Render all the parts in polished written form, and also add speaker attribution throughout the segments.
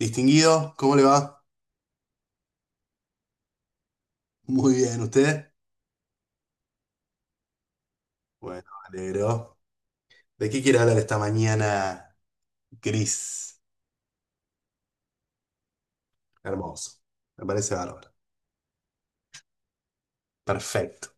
Speaker 1: Distinguido, ¿cómo le va? Muy bien, ¿usted? Bueno, me alegro. ¿De qué quiere hablar esta mañana gris? Hermoso. Me parece bárbaro. Perfecto.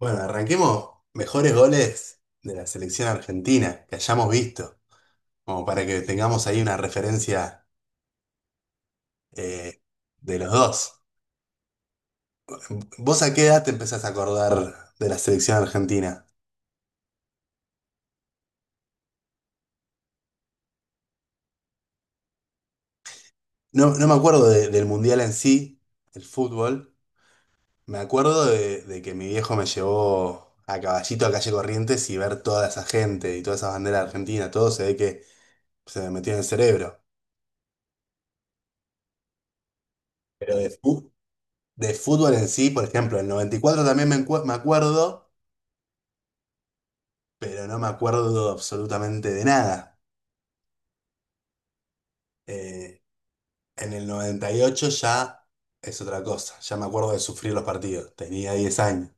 Speaker 1: Bueno, arranquemos mejores goles de la selección argentina que hayamos visto, como para que tengamos ahí una referencia eh, de los dos. ¿Vos a qué edad te empezás a acordar de la selección argentina? No, no me acuerdo del mundial en sí, el fútbol. Me acuerdo de que mi viejo me llevó a Caballito a calle Corrientes y ver toda esa gente y todas esas banderas argentinas, todo se ve que se me metió en el cerebro. Pero de fútbol en sí, por ejemplo, el 94 también me acuerdo, pero no me acuerdo absolutamente de nada. Eh, en el 98 ya es otra cosa, ya me acuerdo de sufrir los partidos, tenía 10 años.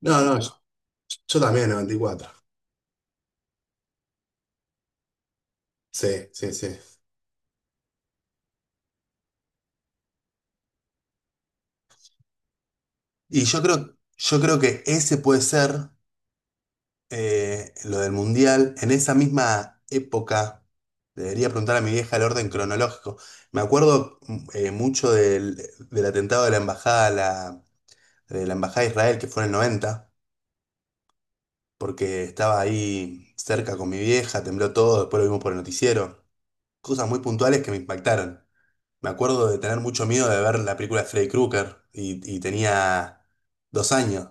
Speaker 1: No, no, yo también, noventa y cuatro. Sí, sí, sí. Y yo creo que ese puede ser. Lo del mundial, en esa misma época, debería preguntar a mi vieja el orden cronológico. Me acuerdo mucho del atentado de la embajada, de la embajada de Israel, que fue en el noventa, porque estaba ahí cerca con mi vieja, tembló todo, después lo vimos por el noticiero. Cosas muy puntuales que me impactaron. Me acuerdo de tener mucho miedo de ver la película de Freddy Krueger y tenía dos años.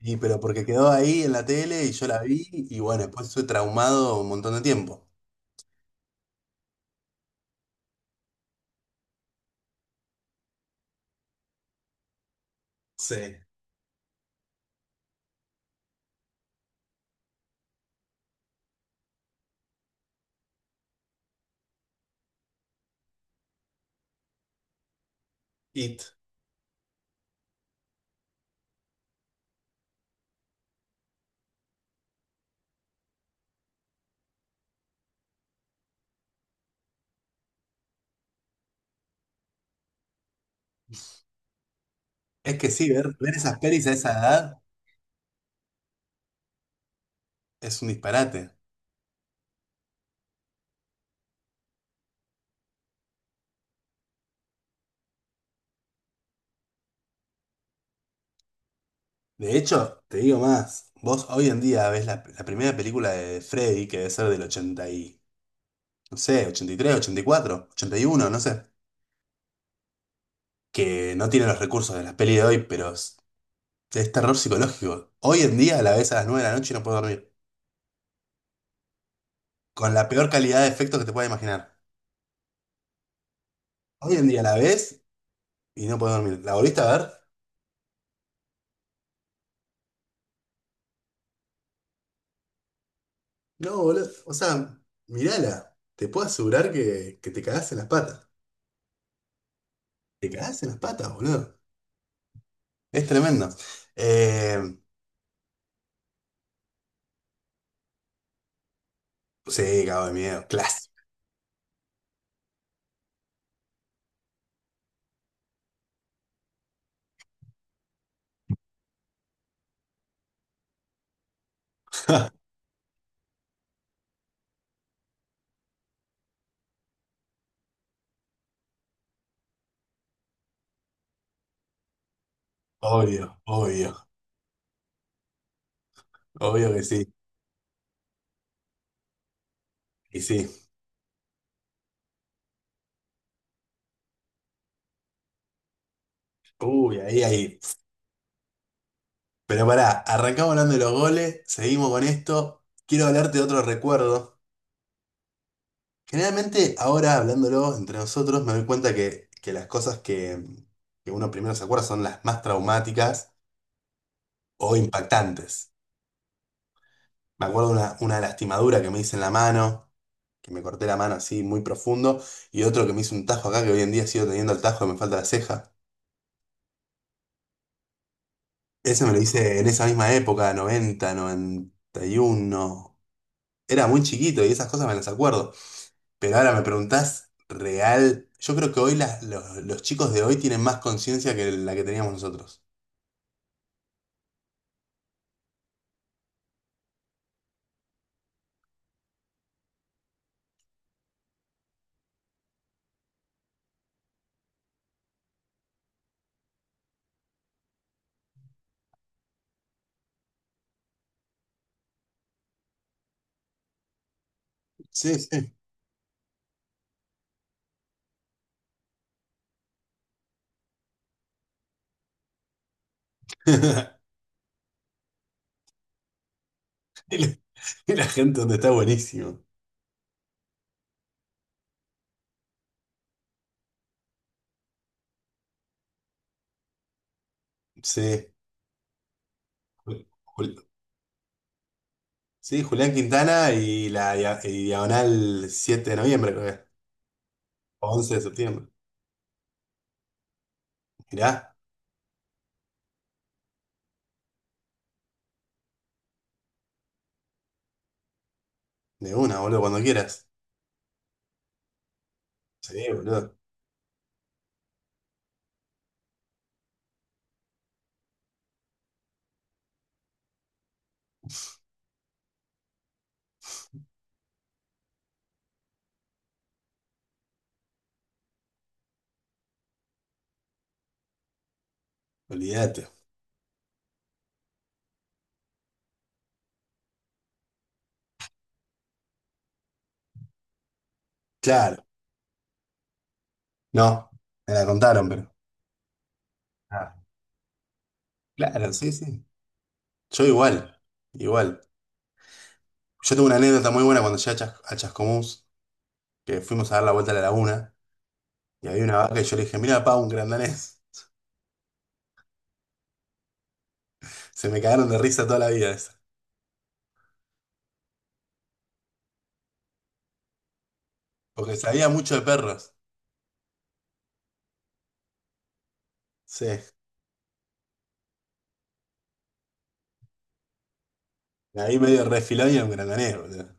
Speaker 1: Y pero porque quedó ahí en la tele y yo la vi y bueno, después estuve traumado un montón de tiempo. Sí, It. Es que sí, ver esas pelis a esa edad es un disparate. De hecho, te digo más, vos hoy en día ves la primera película de Freddy, que debe ser del 80 y, no sé, ochenta, ochenta y tres, ochenta y cuatro, ochenta y uno, no sé, que no tiene los recursos de las pelis de hoy, pero es terror psicológico. Hoy en día la ves a las 9 de la noche y no puedo dormir, con la peor calidad de efectos que te puedas imaginar. Hoy en día la ves y no puedo dormir. ¿La volviste a ver? No, boludo. O sea, mirala. Te puedo asegurar que te cagás en las patas. Te cagás en las patas, boludo. Es tremendo. Eh, sí, cago de miedo. Clásico. Obvio, obvio. Obvio que sí. Y sí. Uy, ahí, ahí. Pero pará, arrancamos hablando de los goles. Seguimos con esto. Quiero hablarte de otro recuerdo. Generalmente, ahora hablándolo entre nosotros, me doy cuenta que las cosas que uno primero se acuerda son las más traumáticas o impactantes. Me acuerdo una lastimadura que me hice en la mano, que me corté la mano así muy profundo, y otro que me hice un tajo acá, que hoy en día sigo teniendo el tajo que me falta la ceja. Ese me lo hice en esa misma época, noventa, noventa y uno. Era muy chiquito y esas cosas me las acuerdo. Pero ahora me preguntás, real, yo creo que hoy los chicos de hoy tienen más conciencia que la que teníamos nosotros. Sí, sí. Y la gente donde está buenísimo. Sí. Sí, Julián Quintana y diagonal 7 de noviembre, creo que es. O 11 de septiembre. Mirá, de una, boludo, cuando quieras. Sí, boludo, olvídate. Claro, no, me la contaron, pero. Ah, claro, sí, sí. Yo igual, igual. Yo tengo una anécdota muy buena cuando llegué a, Chascomús, que fuimos a dar la vuelta a la laguna, y había una vaca y yo le dije, mira, pa, un grandanés. Se me cagaron de risa toda la vida esa. Porque sabía mucho de perros. Sí. Y ahí medio refilón y era un grandanés, boludo.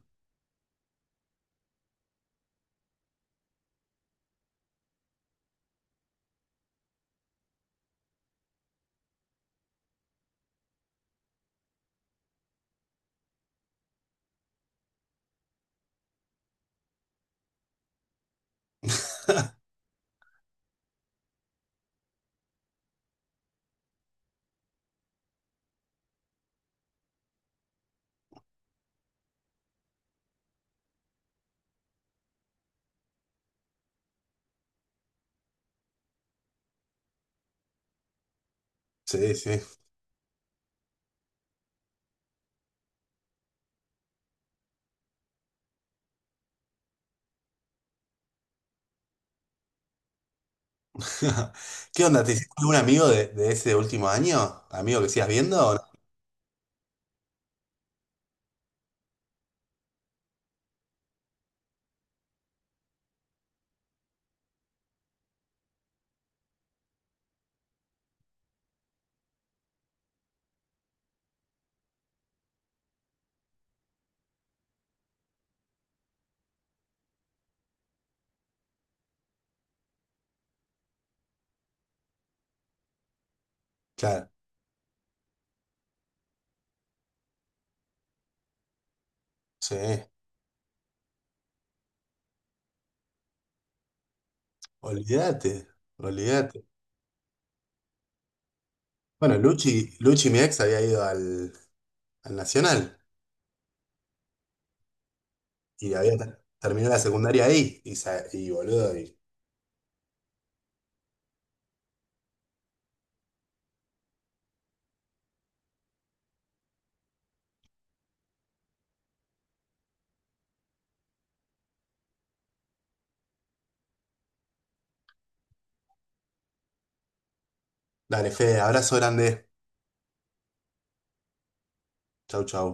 Speaker 1: Sí, sí. ¿Qué onda? ¿Te hiciste algún amigo de ese último año? ¿Amigo que sigas viendo o no? Claro, sí. Olvídate, olvídate. Bueno, Luchi, Luchi, mi ex, había ido al Nacional y había terminado la secundaria ahí. Boludo, y dale, Fede, abrazo grande. Chau, chau.